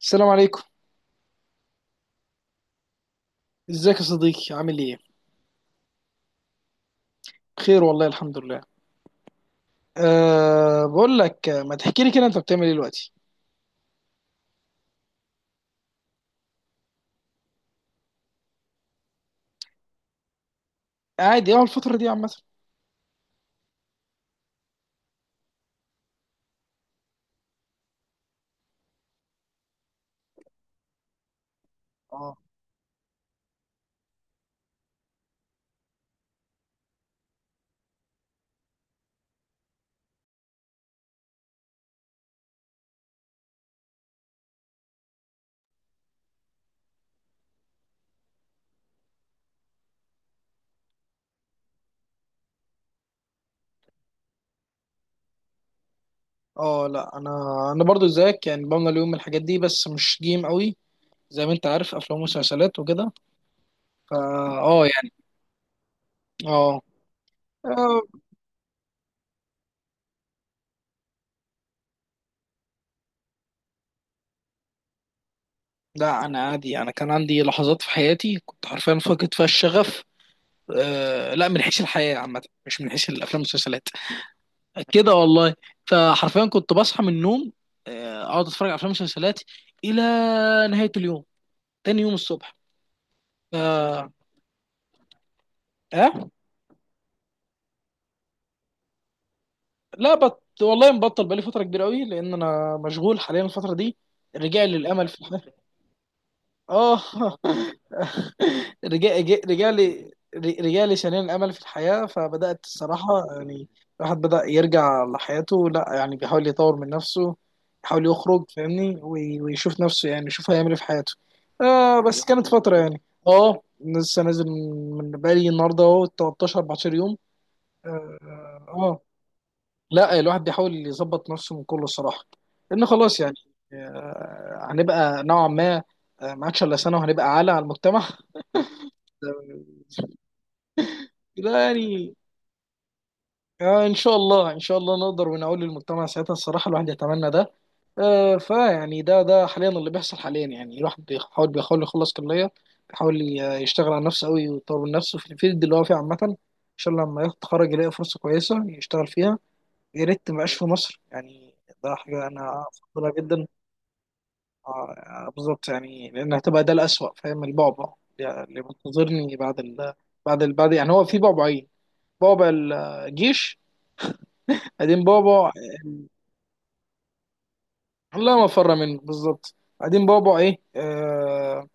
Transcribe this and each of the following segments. السلام عليكم. ازيك يا صديقي؟ عامل ايه؟ بخير والله، الحمد لله. بقول لك، ما تحكي لي كده، انت بتعمل ايه دلوقتي؟ قاعد ايه الفتره دي عامه؟ اه. اه لا، انا برضو زيك يعني، بملى اليوم من الحاجات دي بس مش جيم قوي. زي ما انت عارف، افلام ومسلسلات وكده. فا اه يعني. اه. آه، لا انا عادي، انا كان عندي لحظات في حياتي كنت حرفيا فاقد فيها الشغف. لا من حيث الحياه عامه، مش من حيث الافلام والمسلسلات. كده والله. فحرفيا كنت بصحى من النوم، اقعد اتفرج على افلام ومسلسلات الى نهايه اليوم، تاني يوم الصبح. اه. آه؟ لا بط والله، مبطل بقالي فتره كبيره قوي لان انا مشغول حاليا الفتره دي، الرجاع للامل في الحياه. اه. رجع رجالي، رجالي شنين الامل في الحياه، فبدات الصراحه يعني الواحد بدا يرجع لحياته، لا يعني بيحاول يطور من نفسه، يحاول يخرج، فاهمني، ويشوف نفسه، يعني يشوف هيعمل ايه في حياته. آه بس كانت فتره يعني. اه لسه نازل من بقالي النهارده اهو 13 14 يوم. اه. لا الواحد بيحاول يظبط نفسه من كل الصراحه، لان خلاص يعني. هنبقى نوعا ما، ما عادش الا سنه وهنبقى عالة على المجتمع. ده يعني، ان شاء الله، ان شاء الله نقدر ونقول للمجتمع ساعتها. الصراحه الواحد يتمنى ده. فيعني ده حاليا اللي بيحصل حاليا. يعني الواحد بيحاول يخلص كليه، بيحاول يشتغل على نفسه قوي ويطور من نفسه في الفيلد اللي هو فيه عامه. ان شاء الله لما يتخرج يلاقي فرصه كويسه يشتغل فيها. يا ريت ما يبقاش في مصر يعني. ده حاجه انا افضلها جدا. اه بالظبط، يعني لان هتبقى ده الأسوأ، فاهم؟ البعبع اللي منتظرني بعد بعد بعد، يعني هو في بعبعين: بعبع الجيش، بعدين بعبع. الله ما فر منه، بالظبط. بعدين بعبع ايه؟ آه...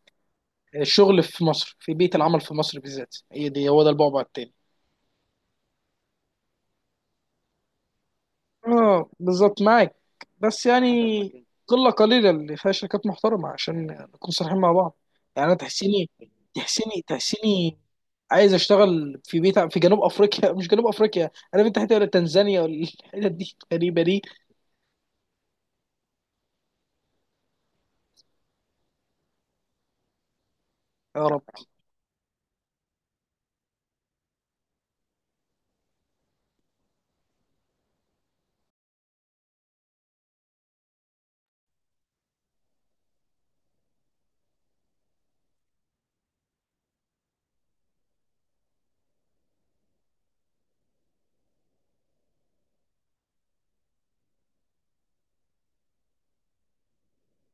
الشغل في مصر. في بيئة العمل في مصر بالذات، هي دي، هو ده البعبع التاني. اه بالظبط معاك، بس يعني هتاخد إيه؟ قله، قليله اللي فيها شركات محترمه عشان نكون صريحين مع بعض. يعني انا تحسيني، تحسيني عايز اشتغل في بيت في جنوب افريقيا. مش جنوب افريقيا، انا في الحته ولا تنزانيا، ولا الحتت دي غريبه دي. يا رب.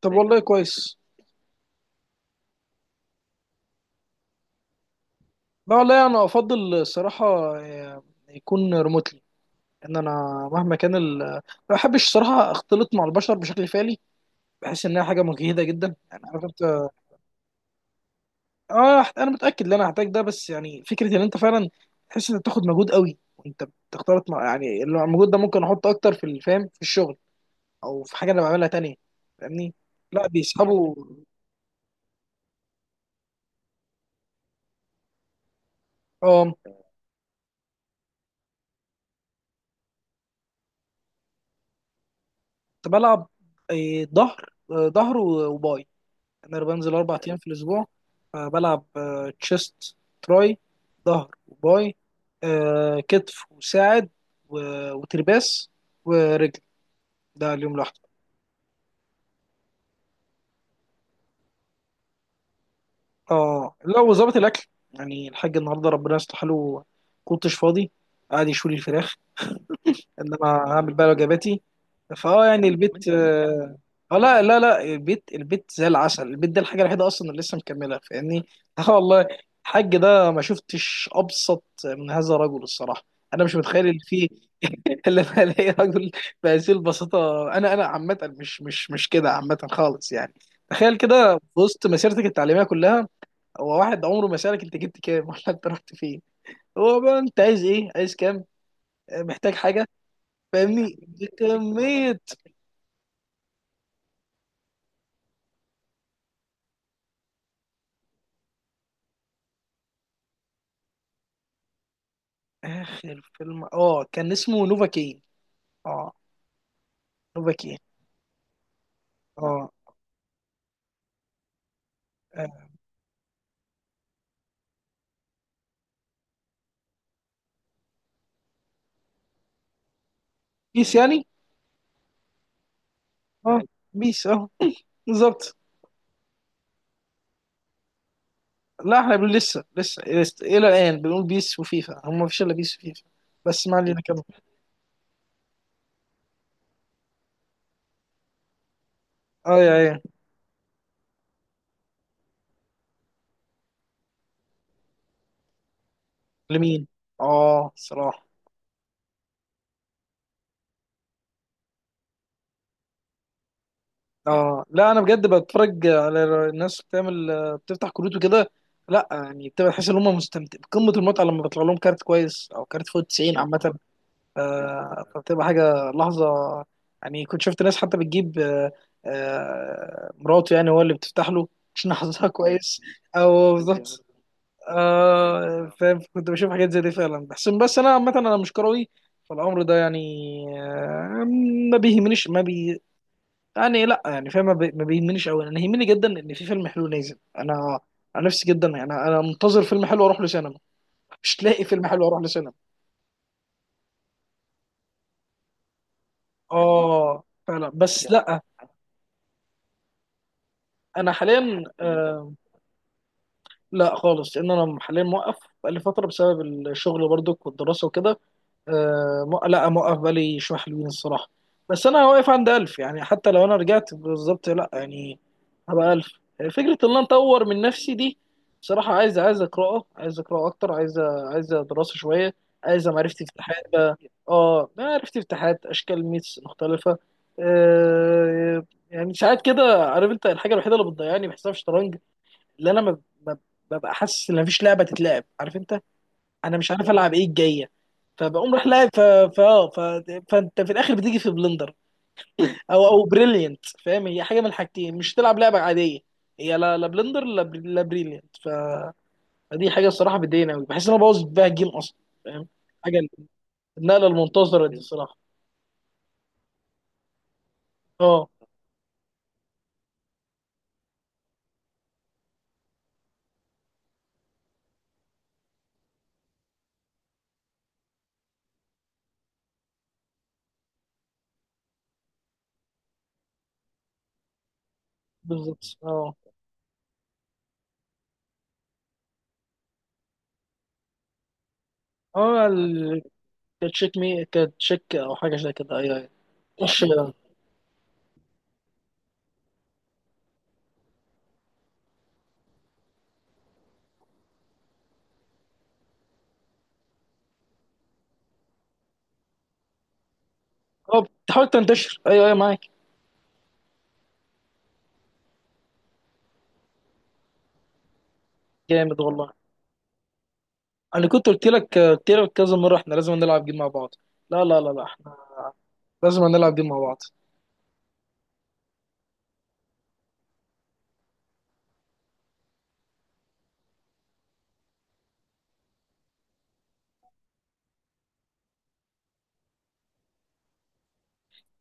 طب والله كويس. لا والله انا افضل الصراحه آه، يكون ريموتلي. ان انا مهما كان ما بحبش الصراحه اختلط مع البشر بشكل فعلي. بحس انها حاجه مجهده جدا، يعني عارف. اه انا متاكد ان انا هحتاج ده، بس يعني فكره ان انت فعلا تحس انك بتاخد مجهود قوي وانت بتختلط مع، يعني اللي هو المجهود ده ممكن احطه اكتر في الفهم في الشغل، او في حاجه انا بعملها تانية. فاهمني؟ لا بيسحبوا. اه. كنت بلعب ظهر، ظهر وباي. انا بنزل اربع ايام في الاسبوع. بلعب تشيست تراي، ظهر وباي، كتف وساعد وترباس، ورجل. ده اليوم لوحده. اه لا وظبط الاكل، يعني الحاج النهارده ربنا يصلح له، كنتش فاضي، قاعد يشوي لي الفراخ. انما هعمل بقى وجباتي. فاه يعني البيت اه. لا، لا، لا، البيت، البيت زي العسل. البيت ده الحاجه الوحيده اصلا اللي لسه مكمله، فاهمني؟ اه والله. الحاج ده ما شفتش ابسط من هذا الرجل الصراحه. انا مش متخيل ان في اللي انا الاقي رجل بهذه البساطه. انا انا عامه مش كده عامه خالص، يعني تخيل كده في وسط مسيرتك التعليميه كلها، هو واحد عمره ما سألك انت جبت كام ولا انت رحت فين. هو بقى انت عايز ايه؟ عايز كام؟ محتاج حاجة؟ فاهمني بكمية. اخر فيلم اه كان اسمه نوفا كين. اه نوفا كين. اه. آه. بيس يعني. اه بيس، اه بالظبط. لا احنا بنقول لسه، لسه الى الان بنقول بيس وفيفا، هم مفيش الا بيس وفيفا. بس ما علينا كمان. اه يا ايه. لمين؟ اه صراحة. اه لا انا بجد بتفرج على الناس بتعمل، بتفتح كروت وكده. لا يعني بتبقى تحس ان هم مستمتع بقمه المتعه لما بيطلع لهم كارت كويس، او كارت فوق 90 عامه. فبتبقى حاجه لحظه. يعني كنت شفت ناس حتى بتجيب مراته يعني هو اللي بتفتح له عشان حظها كويس. او بالظبط. فاهم، كنت بشوف حاجات زي دي فعلا، بحس بس انا عامه انا مش كروي، فالامر ده يعني آه، ما بيهمنيش، ما بي يعني لا يعني فاهم، ما بيهمنيش قوي. انا يهمني جدا ان في فيلم حلو نازل. انا نفسي جدا يعني، انا أنا منتظر فيلم حلو اروح له سينما. مش تلاقي فيلم حلو اروح له سينما. اه فعلا بس لا. انا حاليا آه، لا خالص، لان انا حاليا موقف بقالي فتره بسبب الشغل برضك والدراسه وكده. لا موقف بالي شويه حلوين الصراحه. بس انا واقف عند 1000، يعني حتى لو انا رجعت بالظبط، لا يعني هبقى 1000. فكره ان انا اطور من نفسي دي، بصراحه عايز، عايز اقراه اكتر، عايز دراسه شويه. عايز معرفه افتتاحات بقى. اه معرفه افتتاحات، اشكال ميتس مختلفه. آه يعني، ساعات كده عارف انت، الحاجه الوحيده اللي بتضيعني بحساب الشطرنج، اللي انا ما- ببقى حاسس ان مفيش لعبه تتلعب، عارف انت، انا مش عارف العب ايه الجايه. فبقوم رايح لاعب ف... اه، ف... فانت في الاخر بتيجي في بلندر، او بريليانت، فاهم؟ هي حاجه من الحاجتين، مش تلعب لعبه عاديه. هي لا بلندر، لا بريليانت. فدي حاجه الصراحه بتضايقني قوي، بحس ان انا بوظ بيها الجيم اصلا. فاهم؟ حاجه. النقله المنتظره دي الصراحه. اه بالظبط. اه. اه ال- كانت تشيك مي، كانت تشيك او حاجه زي كده، ايوه ايوه. مش. اه بتحاول تنتشر، ايوه ايوه معاك. جامد والله. انا كنت قلت لك، قلت لك كذا مره، احنا لازم نلعب جيم مع بعض. لا، احنا لازم نلعب جيم مع بعض.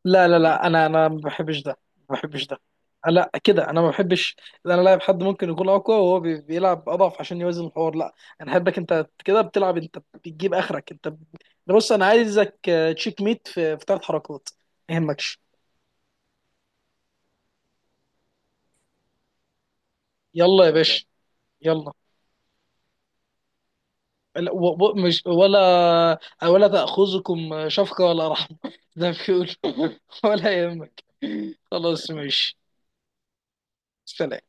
لا، انا انا ما بحبش ده. ما بحبش ده. لا كده انا ما بحبش ان انا لاعب حد ممكن يكون اقوى وهو بيلعب اضعف عشان يوازن الحوار، لا. انا احبك انت كده بتلعب، انت بتجيب اخرك، انت أنا بص، انا عايزك تشيك ميت في في ثلاث حركات، ما يهمكش. يلا يا باشا، يلا. لا، مش ولا ولا تأخذكم شفقة ولا رحمة، زي ما بيقولوا. ولا يهمك. خلاص ماشي. سلام.